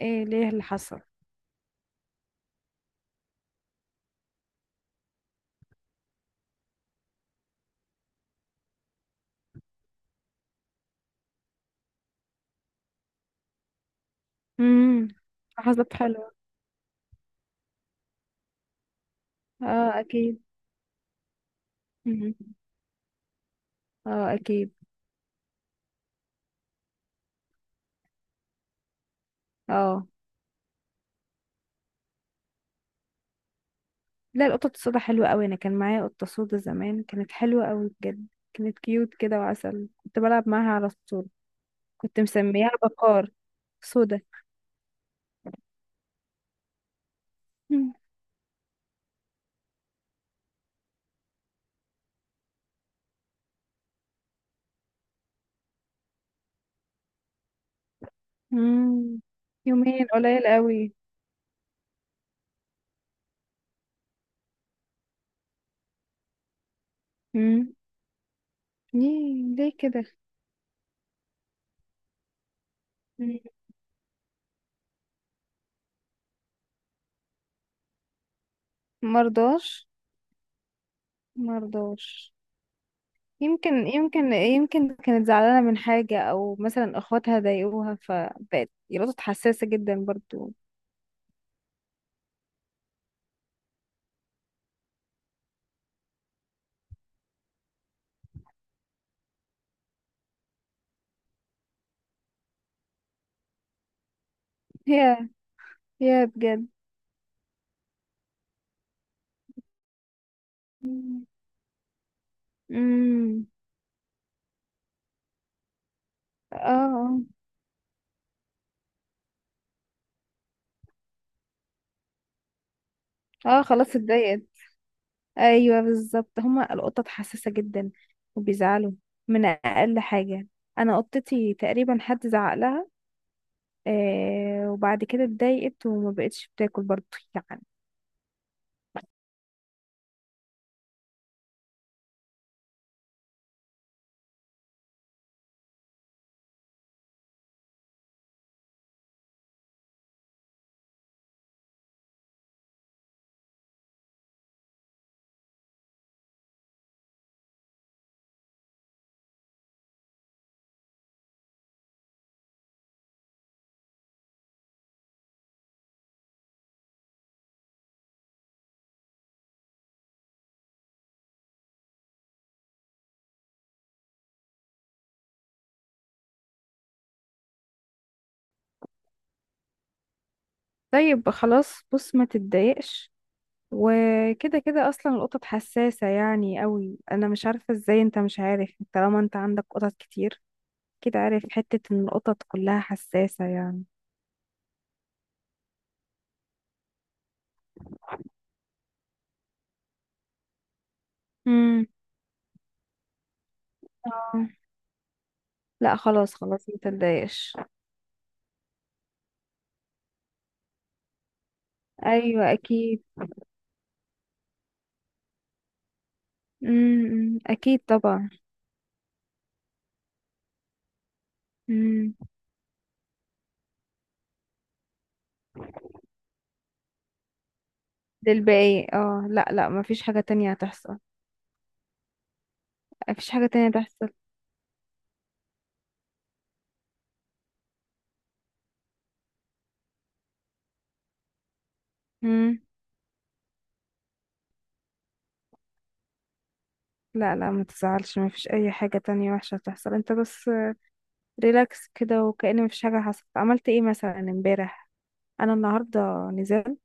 ايه ليه اللي حصل؟ امم. لحظات حلوة. اه، اكيد. مم. اه، اكيد. اه. لا، القطط السودا حلوة قوي. انا كان معايا قطة سودا زمان كانت حلوة قوي بجد. كانت كيوت كده وعسل، كنت بلعب معاها على طول. كنت مسميها بكار. سودا. مم. مم. يومين قليل قوي. مم. ليه كده؟ مم. مرضاش. مرضاش. يمكن كانت زعلانة من حاجة أو مثلا أخواتها ضايقوها فبقت يلقطت حساسة جدا برضو. هي هي بجد. امم. اه، اه. آه، خلاص اتضايقت. ايوه، بالظبط، هما القطط حساسة جدا وبيزعلوا من أقل حاجة. أنا قطتي تقريبا حد زعق لها، آه، وبعد كده اتضايقت وما بقتش بتاكل برضو، يعني. طيب، خلاص، بص، ما تتضايقش. وكده كده اصلا القطط حساسة يعني قوي. انا مش عارفة ازاي انت مش عارف، طالما انت عندك قطط كتير كده، عارف حتة ان القطط كلها حساسة يعني. امم. اه. لا، خلاص، خلاص، متضايقش. ايوه، اكيد. امم، اكيد طبعا. امم. ده الباقي، اه، لا، لا، مفيش حاجة تانية هتحصل. مفيش حاجة تانية هتحصل. امم. لا، لا، ما تزعلش، مفيش اي حاجة تانية وحشة هتحصل. انت بس ريلاكس كده وكأن مفيش حاجة حصلت. عملت ايه مثلا امبارح؟ انا النهارده نزلت،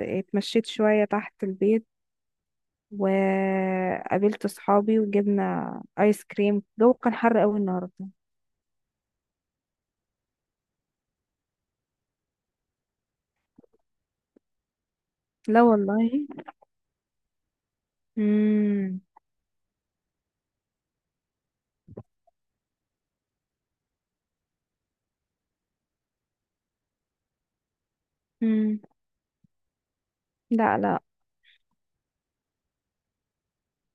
اتمشيت شويه تحت البيت، وقابلت صحابي وجبنا ايس كريم. الجو كان حر قوي النهارده. لا والله. امم. امم. لا، لا.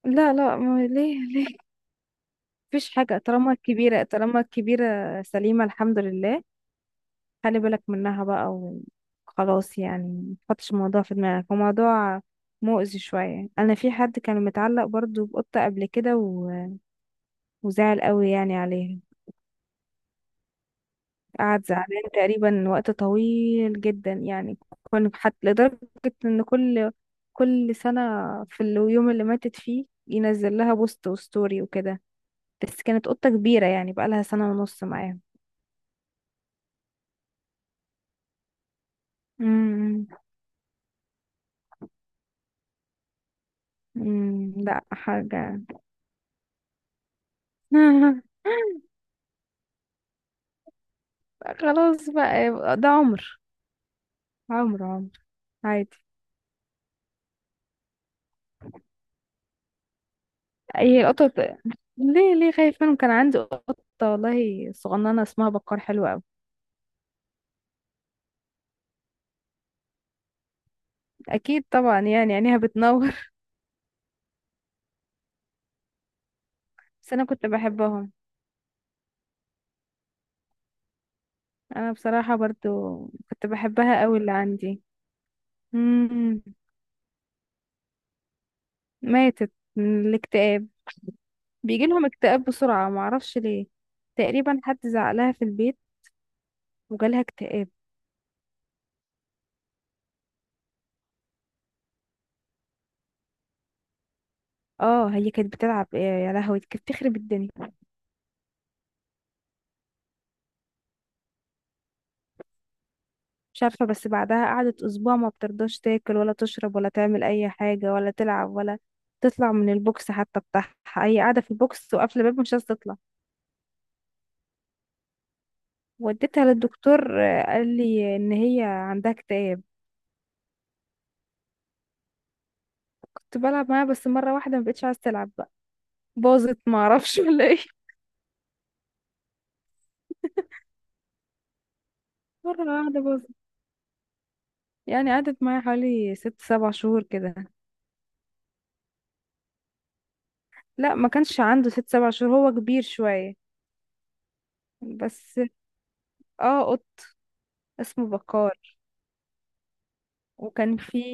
لا، لا، ما ليه؟ مفيش حاجه، طالما الكبيره سليمه، الحمد لله. خلي بالك منها بقى، وخلاص يعني. ما تحطش الموضوع في دماغك، هو موضوع مؤذي شويه. انا في حد كان متعلق برضو بقطه قبل كده وزعل قوي يعني عليها، قعد زعلان تقريبا وقت طويل جدا يعني. كنا حتى لدرجة ان كل سنة في اليوم اللي ماتت فيه ينزل لها بوست وستوري وكده، بس كانت قطة كبيرة يعني، بقالها سنة ونص معاه. امم. أمم، لا حاجة. خلاص بقى، يبقى ده عمر، عمر، عمر، عادي. اي قطط؟ ليه خايف منهم؟ كان عندي قطة والله صغننة اسمها بكار حلوة أوي. أكيد طبعا، يعني عينيها بتنور. بس أنا كنت بحبهم. انا بصراحة برضو كنت بحبها قوي، اللي عندي. مم. ماتت من الاكتئاب. بيجي لهم اكتئاب بسرعة، معرفش ليه. تقريبا حد زعلها في البيت وجالها اكتئاب. اه، هي كانت بتلعب ايه؟ يا لهوي، كانت بتخرب الدنيا. مش عارفة، بس بعدها قعدت اسبوع ما بترضاش تاكل ولا تشرب ولا تعمل اي حاجة ولا تلعب ولا تطلع من البوكس حتى بتاعها، هي قاعدة في البوكس وقافلة الباب مش عايزة تطلع. وديتها للدكتور، آه، قال لي ان هي عندها اكتئاب. كنت بلعب معاها، بس مرة واحدة ما بقتش عايزة تلعب بقى، باظت، ما اعرفش ولا ايه. مرة واحدة باظت، يعني قعدت معايا حوالي 6 7 شهور كده. لا، ما كانش عنده 6 7 شهور، هو كبير شوية بس. اه، قط. اسمه بكار. وكان في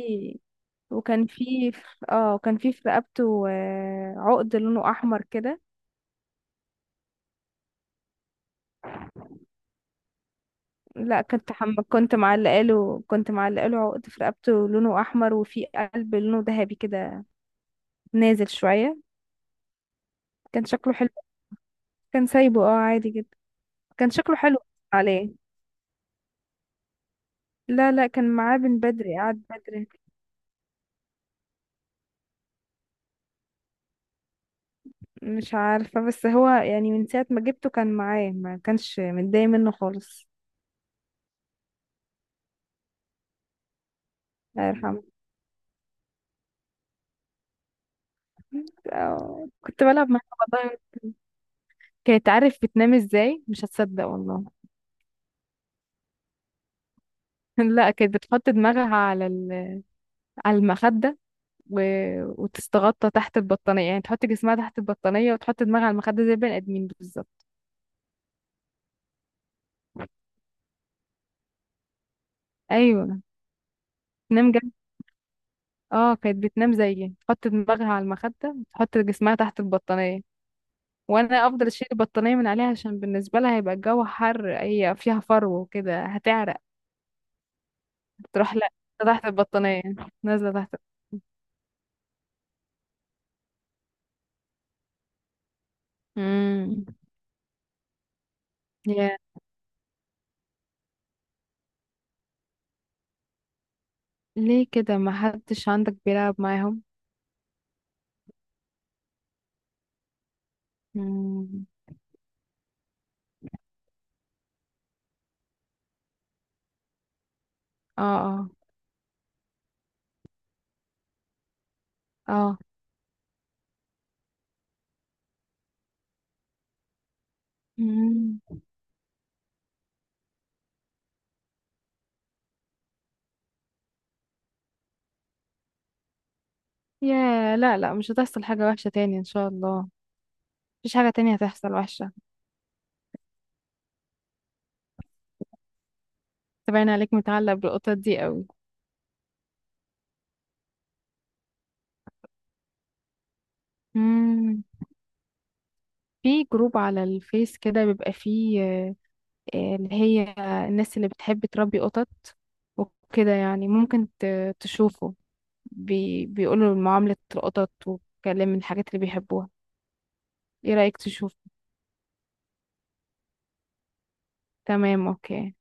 وكان في اه وكان في في رقبته، عقد لونه احمر كده. لا، كنت معلقه له عقد في رقبته لونه احمر، وفي قلب لونه ذهبي كده، نازل شويه. كان شكله حلو. كان سايبه عادي جدا. كان شكله حلو عليه. لا، لا، كان معاه من بدري، قعد بدري. مش عارفة، بس هو يعني من ساعة ما جبته كان معاه، ما كانش متضايق منه خالص. الله يرحمه. آه، كنت بلعب معاها، والله. كانت، عارف بتنام ازاي؟ مش هتصدق والله. لا، كانت بتحط دماغها على المخدة و... وتستغطى تحت البطانية، يعني تحط جسمها تحت البطانية وتحط دماغها على المخدة زي البني آدمين بالظبط. أيوة. تنام جنب. اه، كانت بتنام زيي، تحط دماغها على المخدة وتحط جسمها تحت البطانية، وانا افضل اشيل البطانيه من عليها، عشان بالنسبه لها هيبقى الجو حر، هي فيها فرو وكده هتعرق. تروح، لا، تحت البطانيه نازله تحت. امم. يا، ليه كده؟ ما حدش عندك بيلعب معاهم؟ امم. اه، اه. اه. امم. يا، لا، لا، مش هتحصل حاجه وحشه تاني ان شاء الله. مفيش حاجه تانية هتحصل وحشه. تبين عليك متعلق بالقطط دي قوي. امم. في جروب على الفيس كده بيبقى فيه، آه، اللي هي، الناس اللي بتحب تربي قطط وكده، يعني ممكن تشوفه، بيقولوا معاملة القطط وكلام من الحاجات اللي بيحبوها. ايه رأيك تشوف؟ تمام، اوكي.